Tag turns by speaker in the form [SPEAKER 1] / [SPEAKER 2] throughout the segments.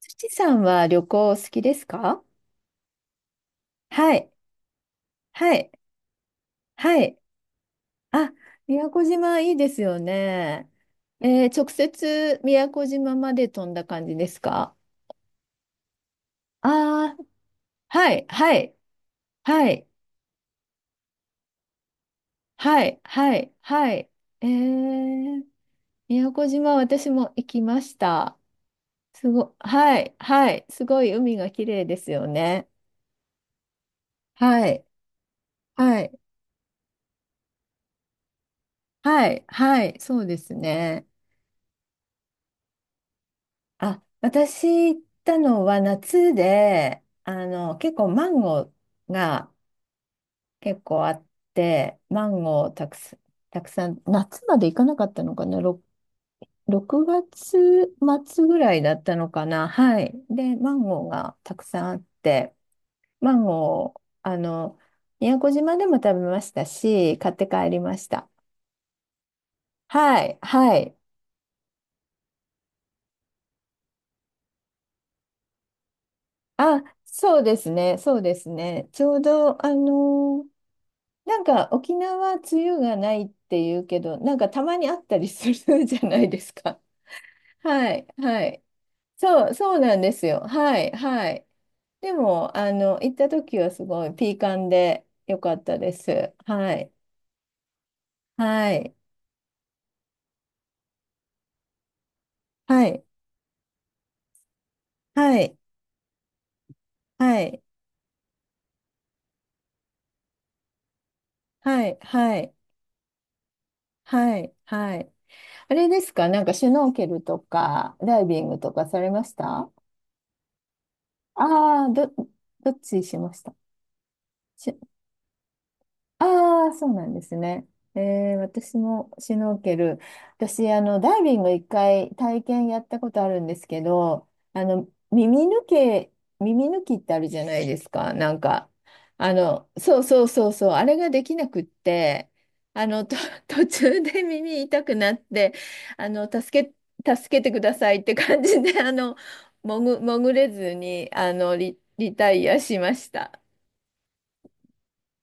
[SPEAKER 1] 土さんは旅行好きですか？はい、はい、はい。あ、宮古島いいですよね。直接宮古島まで飛んだ感じですか？ああー、はい、はい、はい、はい、はい、はい。えー、宮古島私も行きました。はい、はい、すごい海が綺麗ですよね。はい、はい、はい、はい、そうですね。あ、私行ったのは夏で、結構マンゴーが結構あって、マンゴーたくさん、たくさん、夏まで行かなかったのかな、6月末ぐらいだったのかな、はい。で、マンゴーがたくさんあって、マンゴー、宮古島でも食べましたし、買って帰りました。はい、はい。あ、そうですね、そうですね。ちょうど、なんか沖縄梅雨がないっていうけど、なんかたまにあったりするじゃないですか。はい、はい。そう、そうなんですよ。はい、はい。でも、行った時はすごいピーカンで良かったです。はい、はい、はい、はい、はい、はい、はい、はい、はい。あれですか、なんかシュノーケルとかダイビングとかされましたあ？あー、どっちしましたああ、そうなんですね。え私もシュノーケル。私、ダイビング一回体験やったことあるんですけど、あの、耳抜け、耳抜きってあるじゃないですか。なんか、そうそうそうそう、あれができなくって、あの、と、途中で耳痛くなって、あの、助助けてくださいって感じで、潜れずに、リタイアしました。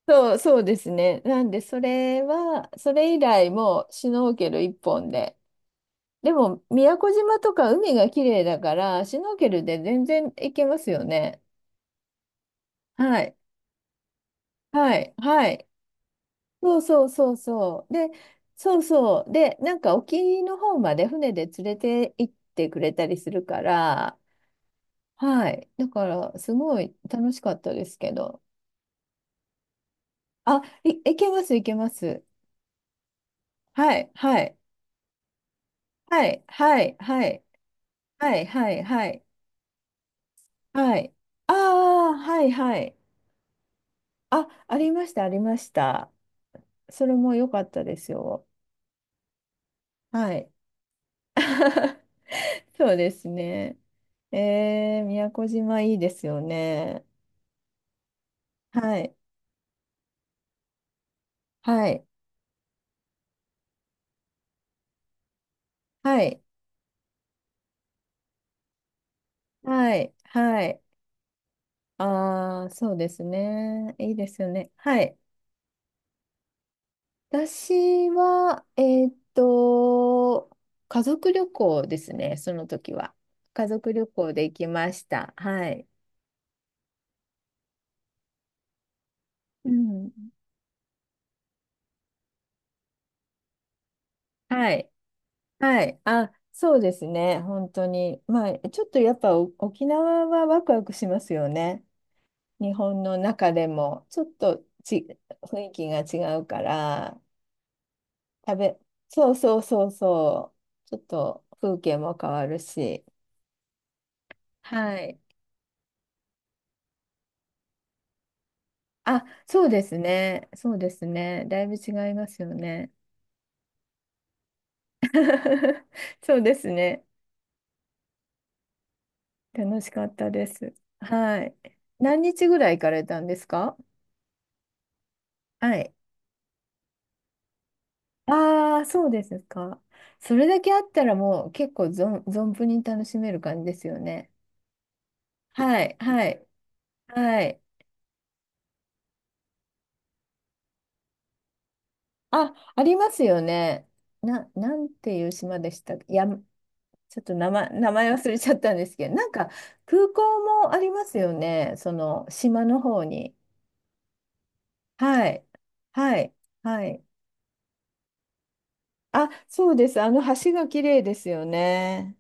[SPEAKER 1] そう、そうですね。なんで、それ以来もうシュノーケル一本で。でも、宮古島とか海が綺麗だから、シュノーケルで全然行けますよね。はい。はい。はい。そうそうそうそう。で、そうそう。で、なんか沖の方まで船で連れて行ってくれたりするから、はい。だから、すごい楽しかったですけど。あ、いけます、いけます。はい、はい、はい、はい、はい。はいはいはいはい。ああ、はいはい。あ、ありました、ありました。それも良かったですよ。はい。そうですね。宮古島いいですよね。はい、はい、はい、はい、はい。ああ、そうですね。いいですよね。はい。私は、家族旅行ですね、その時は。家族旅行で行きました。はい。うん。はい。はい。あ、そうですね。本当に。まあ、ちょっとやっぱお沖縄はワクワクしますよね。日本の中でも。ちょっとち、雰囲気が違うから、食べ、そうそうそうそう。ちょっと風景も変わるし。はい。あ、そうですね。そうですね。だいぶ違いますよね。そうですね。楽しかったです。はい。何日ぐらい行かれたんですか？はい。ああ、そうですか。それだけあったらもう結構存分に楽しめる感じですよね。はい、はい、はい。あ、ありますよね。なんていう島でしたっけや、ちょっと名前忘れちゃったんですけど、なんか空港もありますよね。その島の方に。はい、はい、はい。あ、そうです。あの橋が綺麗ですよね。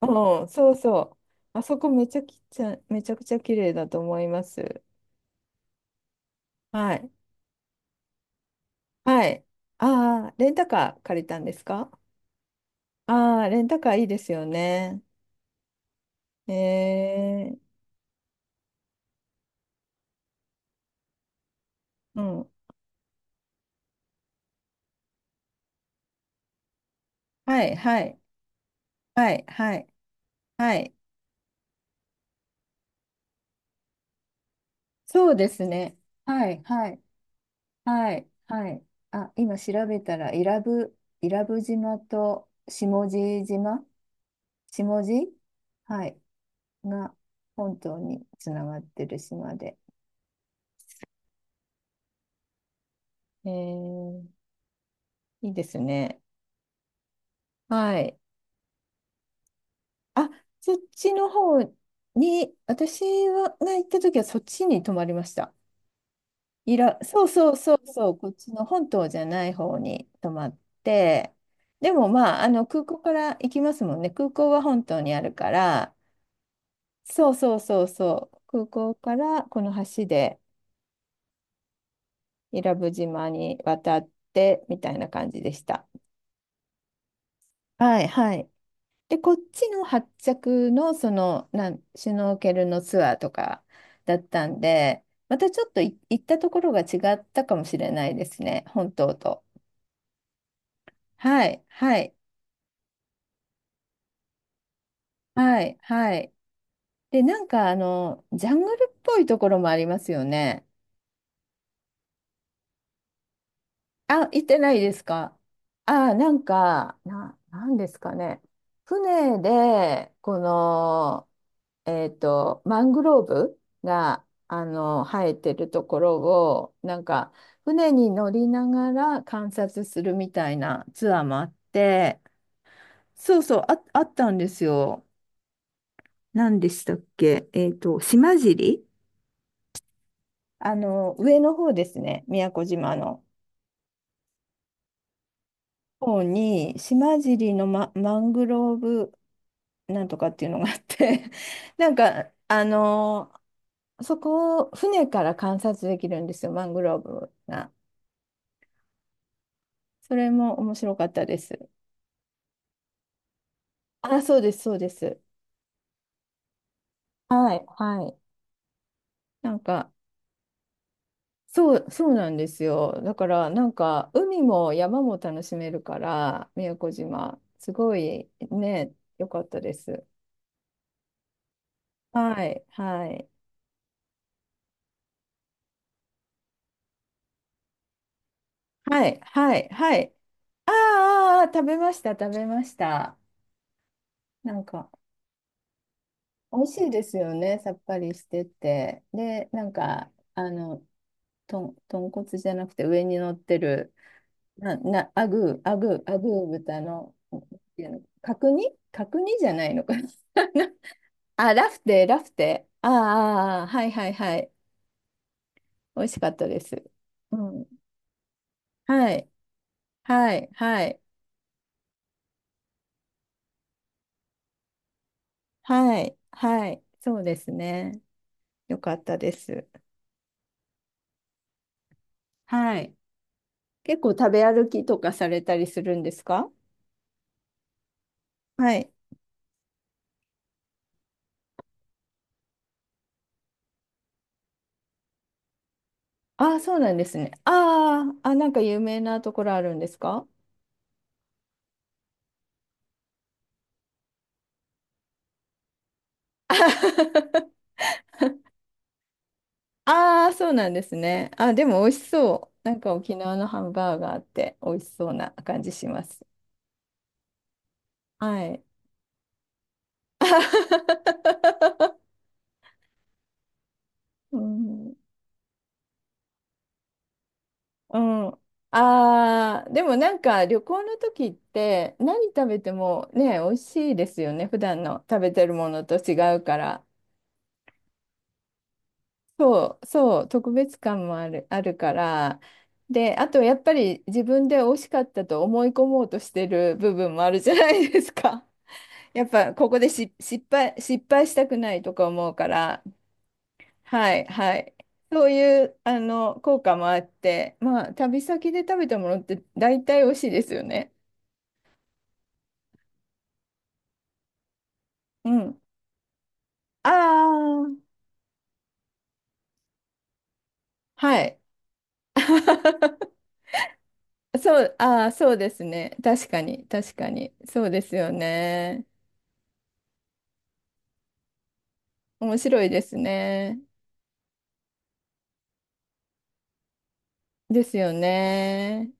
[SPEAKER 1] うん、そうそう。あそこめちゃくちゃ綺麗だと思います。はい。はい。ああ、レンタカー借りたんですか？ああー、レンタカーいいですよね。えー、うん。はい、はい、はい、はい、はい。そうですね。はい、はい、はい、はい。あ、今調べたら、伊良部島と下地島、下地、はい。が本島につながってる島で。えー、いいですね。はい。あ、そっちの方に、私が行った時はそっちに泊まりました。そうそうそうそう、こっちの本島じゃない方に泊まって、でもまあ、あの空港から行きますもんね。空港は本島にあるから、そうそうそうそう、空港からこの橋で伊良部島に渡ってみたいな感じでした。はいはい。で、こっちの発着の、シュノーケルのツアーとかだったんで、またちょっと行ったところが違ったかもしれないですね、本島と。はい、はい、はい、はい。で、なんか、ジャングルっぽいところもありますよね。あ、行ってないですか。あ、なんか、なんですかね。船で、この、マングローブが、生えてるところを、なんか、船に乗りながら観察するみたいなツアーもあって、そうそう、あ、あったんですよ。何でしたっけ？島尻、上の方ですね、宮古島の。方に、島尻のマングローブなんとかっていうのがあって なんかそこを船から観察できるんですよ、マングローブが。それも面白かったです。あ、そうですそうです。はい、はい。なんかそうそうなんですよ。だからなんか海も山も楽しめるから宮古島すごいね良かったです。はいはいはいはいはい。あーあーあー食べました食べました。なんか。美味しいですよね、さっぱりしてて。で、なんか、豚骨じゃなくて上に乗ってる、アグー豚の、なんていうの角煮角煮じゃないのかな？ あ、ラフテー、ラフテー。ああ、ああはいはいはい。美味しかったです。うん。はい、はい、はい、はい、はい。そうですね。よかったです。はい。結構食べ歩きとかされたりするんですか？はい。ああ、そうなんですね。ああ、あ、なんか有名なところあるんですかあ？ あー、そうなんですね。あ、でも美味しそう。なんか沖縄のハンバーガーって美味しそうな感じします。はい。うん。うん。ああ、でもなんか旅行の時って何食べてもね、美味しいですよね。普段の食べてるものと違うから。そう、そう、特別感もある、あるから、で、あとやっぱり自分で惜しかったと思い込もうとしてる部分もあるじゃないですか。やっぱここでし失敗、失敗したくないとか思うから、はい、はい。そういう効果もあって、まあ、旅先で食べたものって大体美味しいですよね。うん。ああ、はい。そう、ああ、そうですね。確かに、確かに。そうですよね。面白いですね。ですよね。